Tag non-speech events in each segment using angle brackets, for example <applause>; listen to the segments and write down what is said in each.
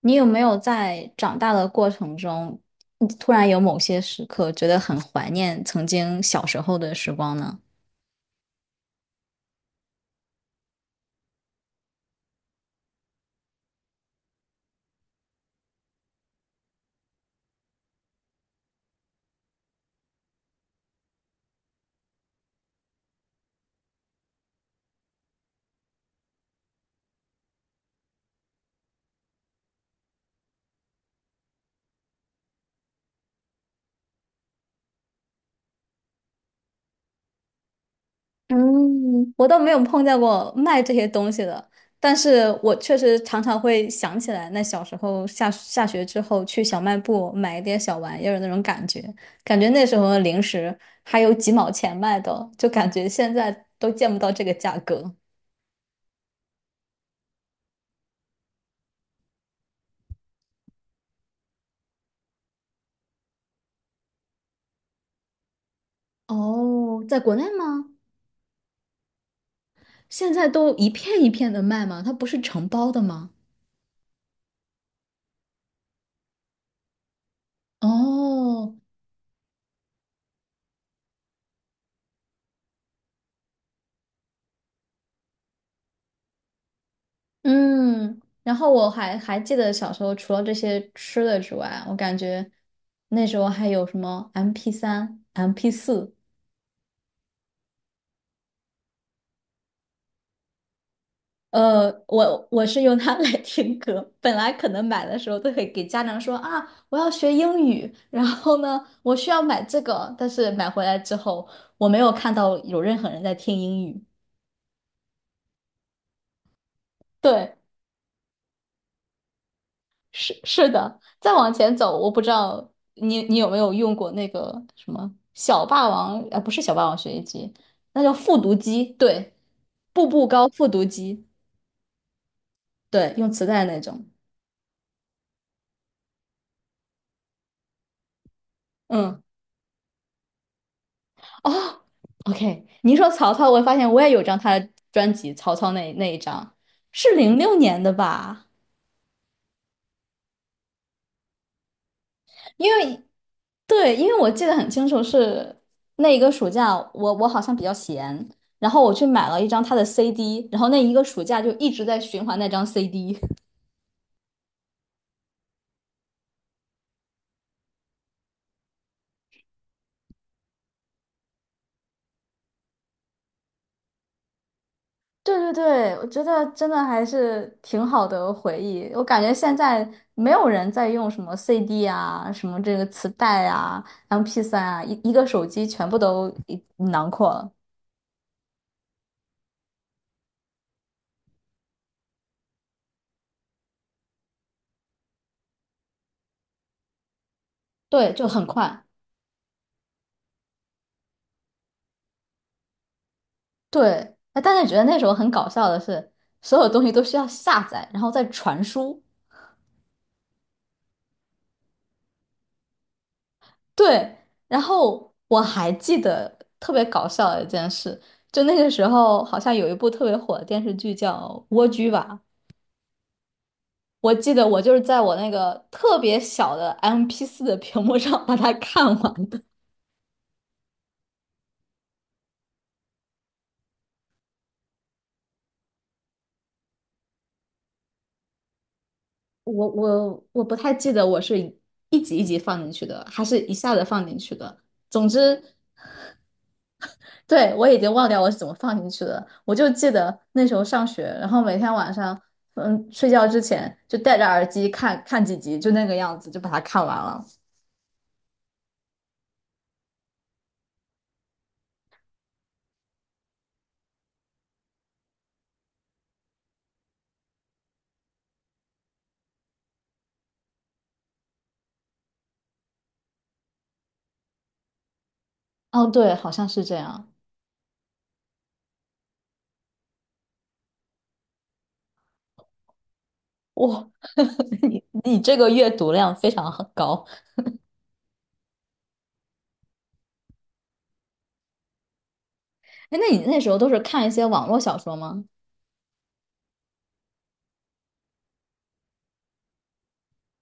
你有没有在长大的过程中，你突然有某些时刻觉得很怀念曾经小时候的时光呢？嗯，我倒没有碰见过卖这些东西的，但是我确实常常会想起来，那小时候下学之后去小卖部买一点小玩意儿的那种感觉，感觉那时候的零食还有几毛钱卖的，就感觉现在都见不到这个价格。哦，在国内吗？现在都一片一片的卖吗？它不是成包的吗？哦，嗯，然后我还记得小时候，除了这些吃的之外，我感觉那时候还有什么 MP3、MP4，我是用它 <laughs> 来听歌。本来可能买的时候都会给家长说啊，我要学英语，然后呢，我需要买这个，但是买回来之后，我没有看到有任何人在听英语。对，是的，再往前走，我不知道你有没有用过那个什么小霸王，不是小霸王学习机，那叫复读机，对，步步高复读机，对，用磁带那种，嗯，哦，OK，你一说曹操，我发现我也有张他的专辑，曹操那一张是06年的吧？因为对，因为我记得很清楚是那一个暑假，我好像比较闲，然后我去买了一张他的 CD，然后那一个暑假就一直在循环那张 CD。<laughs> 对对对，我觉得真的还是挺好的回忆。我感觉现在没有人在用什么 CD 啊，什么这个磁带啊 MP3啊，一个手机全部都一囊括了。对，就很快。对，哎，但是觉得那时候很搞笑的是，所有东西都需要下载，然后再传输。对，然后我还记得特别搞笑的一件事，就那个时候好像有一部特别火的电视剧叫《蜗居》吧，我记得我就是在我那个特别小的 MP4的屏幕上把它看完的。我不太记得我是一集一集放进去的，还是一下子放进去的。总之。对，我已经忘掉我是怎么放进去的，我就记得那时候上学，然后每天晚上，嗯，睡觉之前就戴着耳机看看几集，就那个样子，就把它看完了。哦，对，好像是这样。哇，<laughs> 你这个阅读量非常很高。哎，那你那时候都是看一些网络小说吗？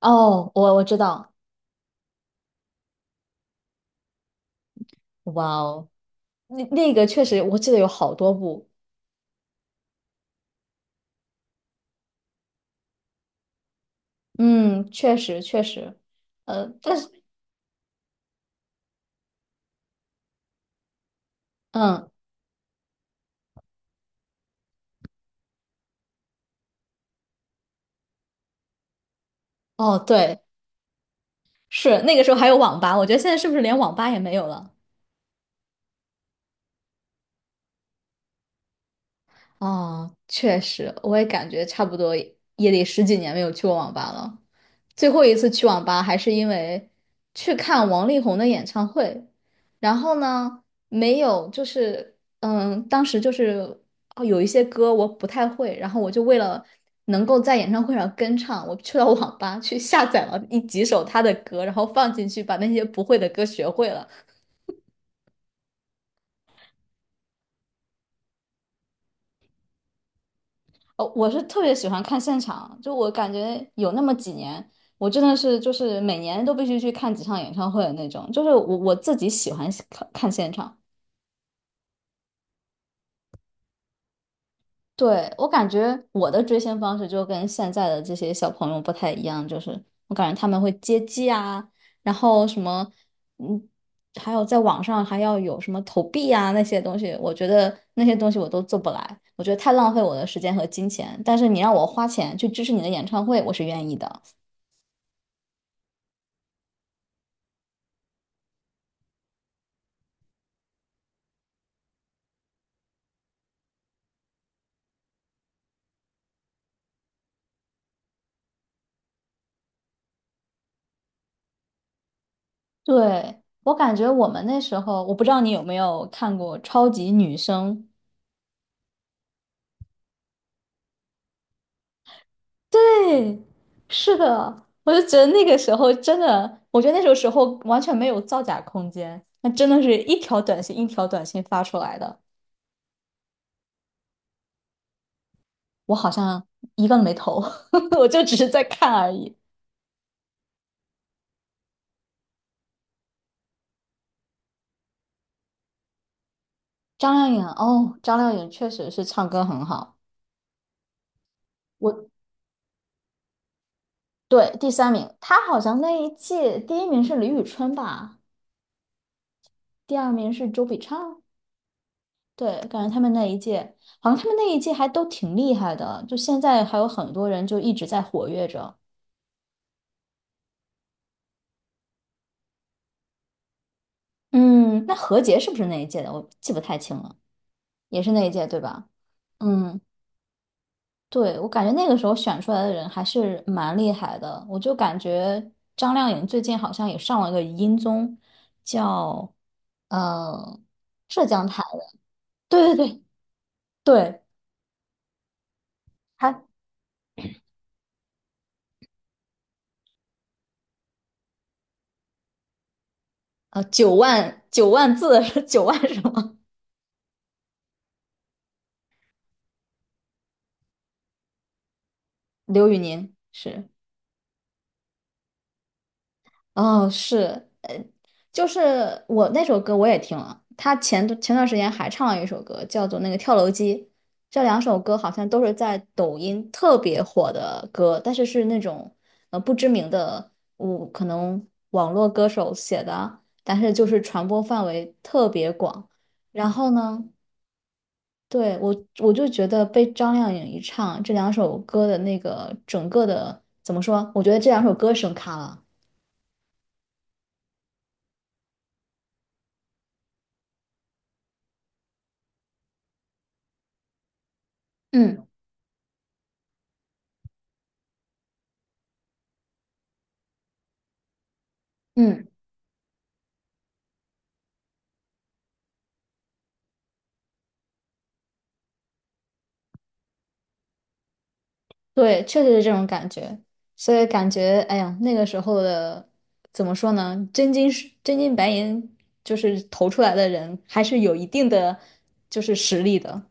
哦，我知道。哇哦，那个确实，我记得有好多部。嗯，确实确实。但是嗯，哦，对，是那个时候还有网吧，我觉得现在是不是连网吧也没有了？哦，确实，我也感觉差不多也得十几年没有去过网吧了。最后一次去网吧还是因为去看王力宏的演唱会，然后呢，没有就是当时就是哦有一些歌我不太会，然后我就为了能够在演唱会上跟唱，我去到网吧去下载了几首他的歌，然后放进去，把那些不会的歌学会了。哦，我是特别喜欢看现场，就我感觉有那么几年，我真的是就是每年都必须去看几场演唱会的那种，就是我自己喜欢看看现场。对，我感觉我的追星方式就跟现在的这些小朋友不太一样，就是我感觉他们会接机啊，然后什么，嗯，还有在网上还要有什么投币啊那些东西，我觉得那些东西我都做不来，我觉得太浪费我的时间和金钱。但是你让我花钱去支持你的演唱会，我是愿意的。对，我感觉我们那时候，我不知道你有没有看过《超级女声》。对，是的，我就觉得那个时候真的，我觉得那种时候完全没有造假空间，那真的是一条短信一条短信发出来的，我好像一个没投，<laughs> 我就只是在看而已。张靓颖，哦，张靓颖确实是唱歌很好，我对第三名，她好像那一届第一名是李宇春吧，第二名是周笔畅。对，感觉他们那一届，好像他们那一届还都挺厉害的，就现在还有很多人就一直在活跃着。嗯，那何洁是不是那一届的？我记不太清了，也是那一届，对吧？嗯，对，我感觉那个时候选出来的人还是蛮厉害的。我就感觉张靓颖最近好像也上了个音综，叫呃浙江台的，对对对对，她九万字 <laughs> 是九万什么？刘宇宁是。哦，是，就是我那首歌我也听了，他前段时间还唱了一首歌，叫做那个《跳楼机》，这两首歌好像都是在抖音特别火的歌，但是是那种不知名的，我可能网络歌手写的，但是就是传播范围特别广。然后呢，对，就觉得被张靓颖一唱，这两首歌的那个整个的怎么说？我觉得这两首歌声卡了。嗯嗯。对，确实是这种感觉，所以感觉，哎呀，那个时候的怎么说呢？真金是真金白银，就是投出来的人，还是有一定的就是实力的。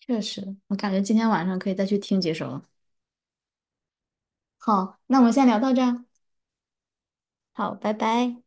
确实，我感觉今天晚上可以再去听几首了。好，那我们先聊到这儿。好，拜拜。